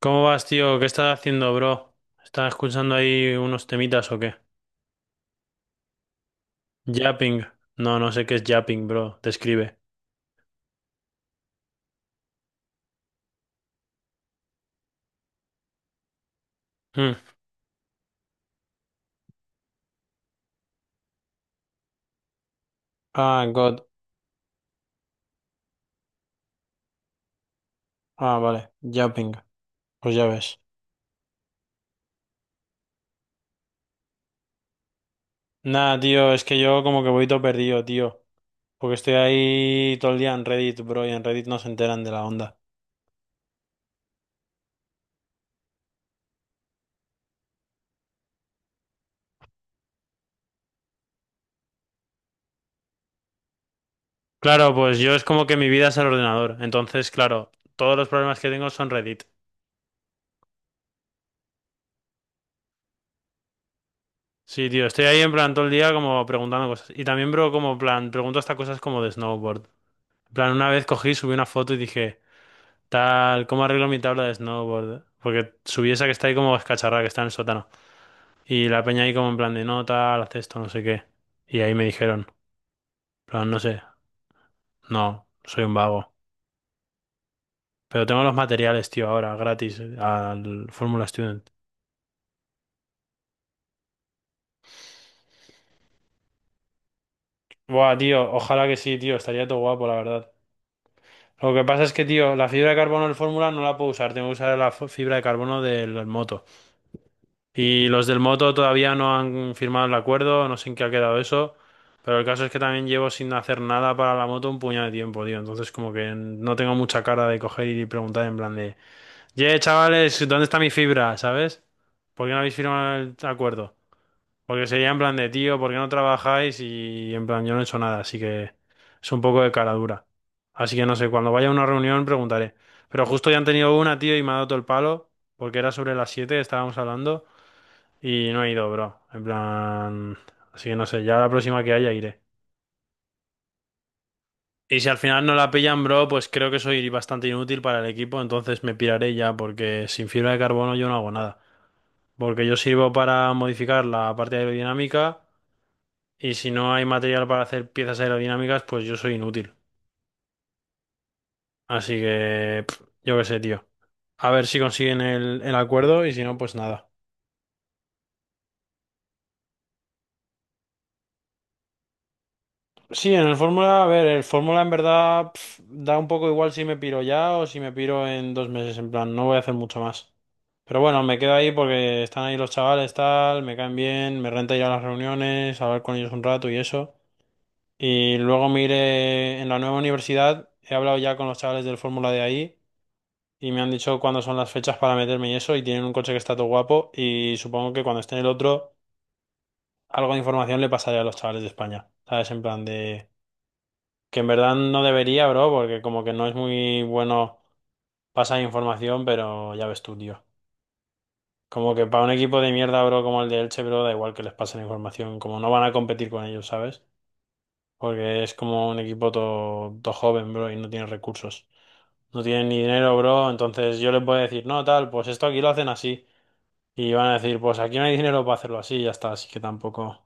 ¿Cómo vas, tío? ¿Qué estás haciendo, bro? ¿Estás escuchando ahí unos temitas o qué? Yapping. No, no sé qué es yapping, bro. Describe. Hmm. Ah, God. Ah, vale. Yapping. Pues ya ves. Nah, tío, es que yo como que voy todo perdido, tío. Porque estoy ahí todo el día en Reddit, bro, y en Reddit no se enteran de la onda. Claro, pues yo es como que mi vida es el ordenador. Entonces, claro, todos los problemas que tengo son Reddit. Sí, tío, estoy ahí en plan todo el día como preguntando cosas. Y también, bro, como plan, pregunto hasta cosas como de snowboard. En plan, una vez cogí, subí una foto y dije, tal, ¿cómo arreglo mi tabla de snowboard? Porque subí esa que está ahí como escacharrada, que está en el sótano. Y la peña ahí como en plan de, no, tal, haz esto, no sé qué. Y ahí me dijeron, en plan, no sé, no, soy un vago. Pero tengo los materiales, tío, ahora, gratis, al Fórmula Student. Buah, tío, ojalá que sí, tío, estaría todo guapo, la verdad. Lo que pasa es que, tío, la fibra de carbono del Fórmula no la puedo usar, tengo que usar la fibra de carbono del moto. Y los del Moto todavía no han firmado el acuerdo, no sé en qué ha quedado eso, pero el caso es que también llevo sin hacer nada para la moto un puñado de tiempo, tío. Entonces como que no tengo mucha cara de coger y preguntar en plan de, ye, chavales, ¿dónde está mi fibra? ¿Sabes? ¿Por qué no habéis firmado el acuerdo? Porque sería en plan de, tío, ¿por qué no trabajáis? Y en plan, yo no he hecho nada, así que es un poco de cara dura. Así que no sé, cuando vaya a una reunión preguntaré. Pero justo ya han tenido una, tío, y me ha dado todo el palo, porque era sobre las 7 estábamos hablando. Y no he ido, bro. En plan. Así que no sé, ya la próxima que haya iré. Y si al final no la pillan, bro, pues creo que soy bastante inútil para el equipo, entonces me piraré ya, porque sin fibra de carbono yo no hago nada. Porque yo sirvo para modificar la parte aerodinámica, y si no hay material para hacer piezas aerodinámicas, pues yo soy inútil. Así que, pff, yo qué sé, tío. A ver si consiguen el acuerdo, y si no, pues nada. Sí, en el Fórmula, a ver, el Fórmula en verdad pf, da un poco igual si me piro ya o si me piro en 2 meses, en plan, no voy a hacer mucho más. Pero bueno, me quedo ahí porque están ahí los chavales, tal, me caen bien, me renta ir a las reuniones, hablar con ellos un rato y eso. Y luego me iré en la nueva universidad, he hablado ya con los chavales del Fórmula de ahí y me han dicho cuándo son las fechas para meterme y eso, y tienen un coche que está todo guapo y supongo que cuando esté en el otro, algo de información le pasaré a los chavales de España, ¿sabes? En plan de... Que en verdad no debería, bro, porque como que no es muy bueno pasar información, pero ya ves tú, tío. Como que para un equipo de mierda, bro, como el de Elche, bro, da igual que les pasen información, como no van a competir con ellos, ¿sabes? Porque es como un equipo todo joven, bro, y no tiene recursos. No tienen ni dinero, bro, entonces yo les voy a decir, no, tal, pues esto aquí lo hacen así. Y van a decir, pues aquí no hay dinero para hacerlo así, y ya está, así que tampoco.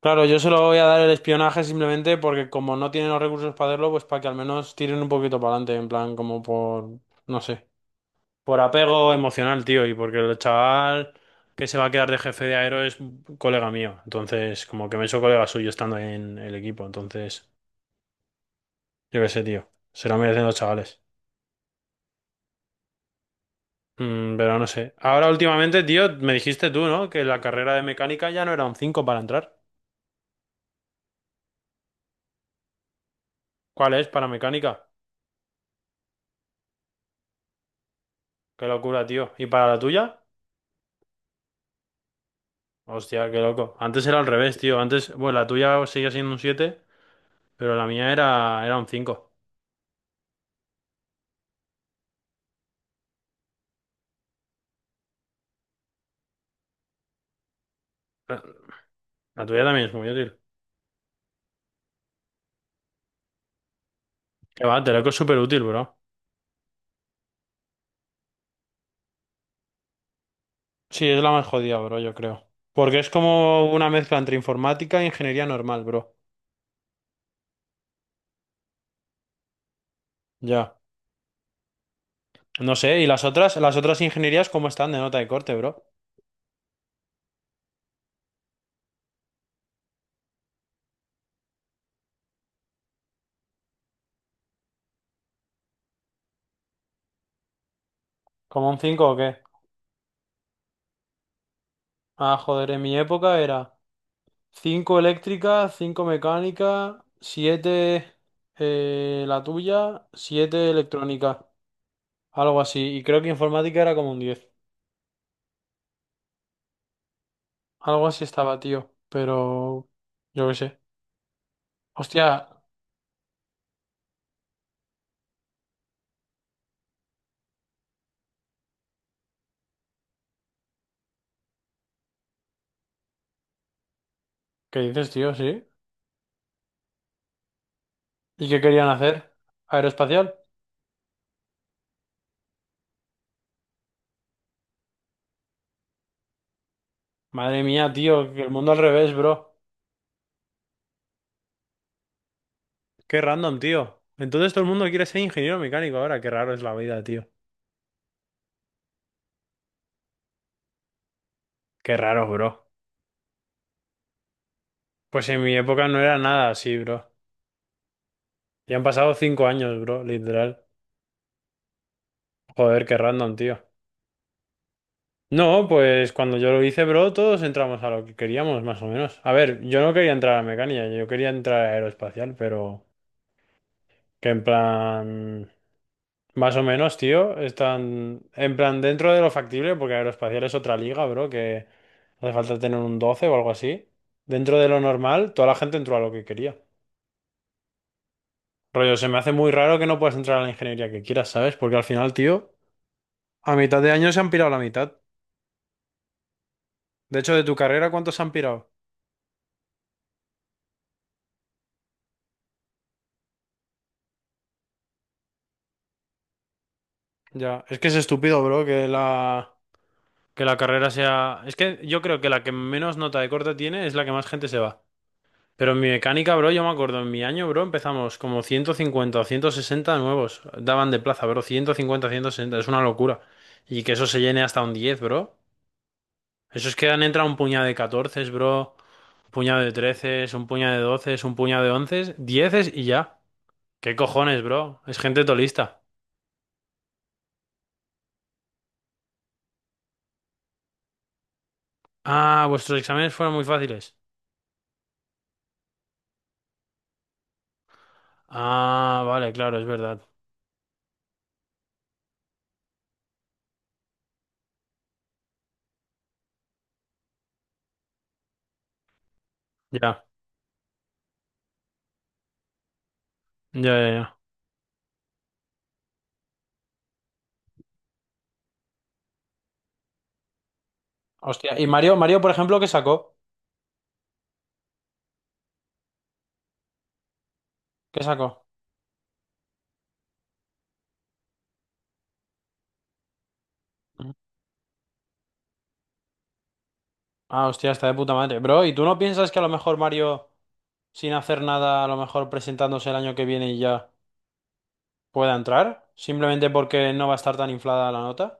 Claro, yo se lo voy a dar el espionaje simplemente porque como no tienen los recursos para hacerlo, pues para que al menos tiren un poquito para adelante, en plan, como por, no sé, por apego emocional, tío, y porque el chaval que se va a quedar de jefe de aero es un colega mío, entonces como que me he hecho colega suyo estando en el equipo, entonces, yo qué sé, tío, se lo merecen los chavales. Mm, pero no sé. Ahora últimamente, tío, me dijiste tú, ¿no? Que la carrera de mecánica ya no era un 5 para entrar. ¿Cuál es para mecánica? Qué locura, tío. ¿Y para la tuya? Hostia, qué loco. Antes era al revés, tío. Antes, bueno, la tuya seguía siendo un 7, pero la mía era un cinco. La la tuya también es muy útil. Que va, Teleco es súper útil, bro. Sí, es la más jodida, bro, yo creo. Porque es como una mezcla entre informática e ingeniería normal, bro. Ya. No sé, ¿y las otras ingenierías cómo están de nota de corte, bro? ¿Como un cinco o qué? Ah, joder, en mi época era 5 eléctrica, 5 mecánica, 7 la tuya, 7 electrónica. Algo así. Y creo que informática era como un 10. Algo así estaba, tío. Pero yo qué sé. Hostia, ¿qué dices, tío? ¿Sí? ¿Y qué querían hacer? ¿Aeroespacial? Madre mía, tío, que el mundo al revés, bro. Qué random, tío. Entonces todo el mundo quiere ser ingeniero mecánico ahora. Qué raro es la vida, tío. Qué raro, bro. Pues en mi época no era nada así, bro. Ya han pasado 5 años, bro, literal. Joder, qué random, tío. No, pues cuando yo lo hice, bro, todos entramos a lo que queríamos, más o menos. A ver, yo no quería entrar a mecánica, yo quería entrar a aeroespacial, pero que en plan, más o menos, tío, están en plan dentro de lo factible, porque aeroespacial es otra liga, bro, que hace falta tener un 12 o algo así. Dentro de lo normal, toda la gente entró a lo que quería. Rollo, se me hace muy raro que no puedas entrar a la ingeniería que quieras, ¿sabes? Porque al final, tío, a mitad de año se han pirado la mitad. De hecho, de tu carrera, ¿cuántos se han pirado? Ya, es que es estúpido, bro, que la. Que la carrera sea. Es que yo creo que la que menos nota de corte tiene es la que más gente se va. Pero en mi mecánica, bro, yo me acuerdo, en mi año, bro, empezamos como 150 o 160 nuevos. Daban de plaza, bro, 150, 160 es una locura. Y que eso se llene hasta un 10, bro. Eso es que han entrado un puñado de catorce, bro, un puñado de 13, un puñado de 12, un puñado de 11, 10 y ya. ¿Qué cojones, bro? Es gente tolista. Ah, vuestros exámenes fueron muy fáciles. Ah, vale, claro, es verdad. Ya, ya, ya. Hostia, y Mario, por ejemplo, ¿qué sacó? ¿Qué sacó? Ujú. Ah, hostia, está de puta madre. Bro, ¿y tú no piensas que a lo mejor Mario, sin hacer nada, a lo mejor presentándose el año que viene y ya pueda entrar? Simplemente porque no va a estar tan inflada la nota.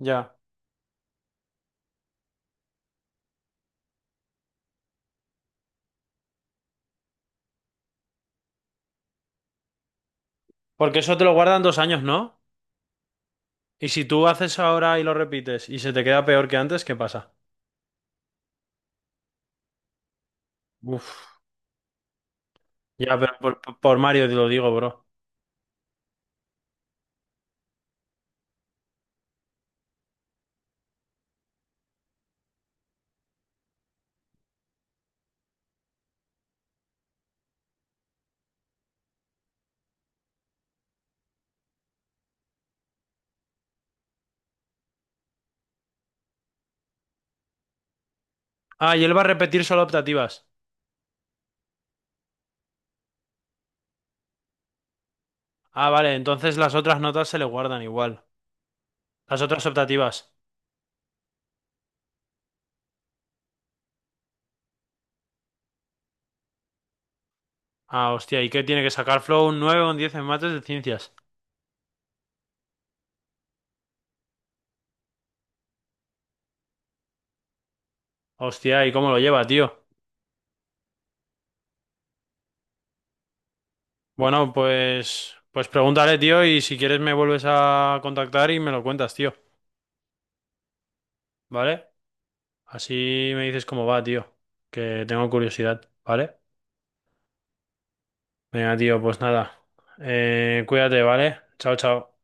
Ya. Porque eso te lo guardan 2 años, ¿no? Y si tú haces ahora y lo repites y se te queda peor que antes, ¿qué pasa? Uf. Ya, pero por Mario te lo digo, bro. Ah, y él va a repetir solo optativas. Ah, vale, entonces las otras notas se le guardan igual. Las otras optativas. Ah, hostia, ¿y qué tiene que sacar Flow? Un 9 o un 10 en mates de ciencias. Hostia, ¿y cómo lo lleva, tío? Bueno, pues pregúntale, tío, y si quieres me vuelves a contactar y me lo cuentas, tío, ¿vale? Así me dices cómo va, tío, que tengo curiosidad, ¿vale? Venga, tío, pues nada. Cuídate, ¿vale? Chao, chao.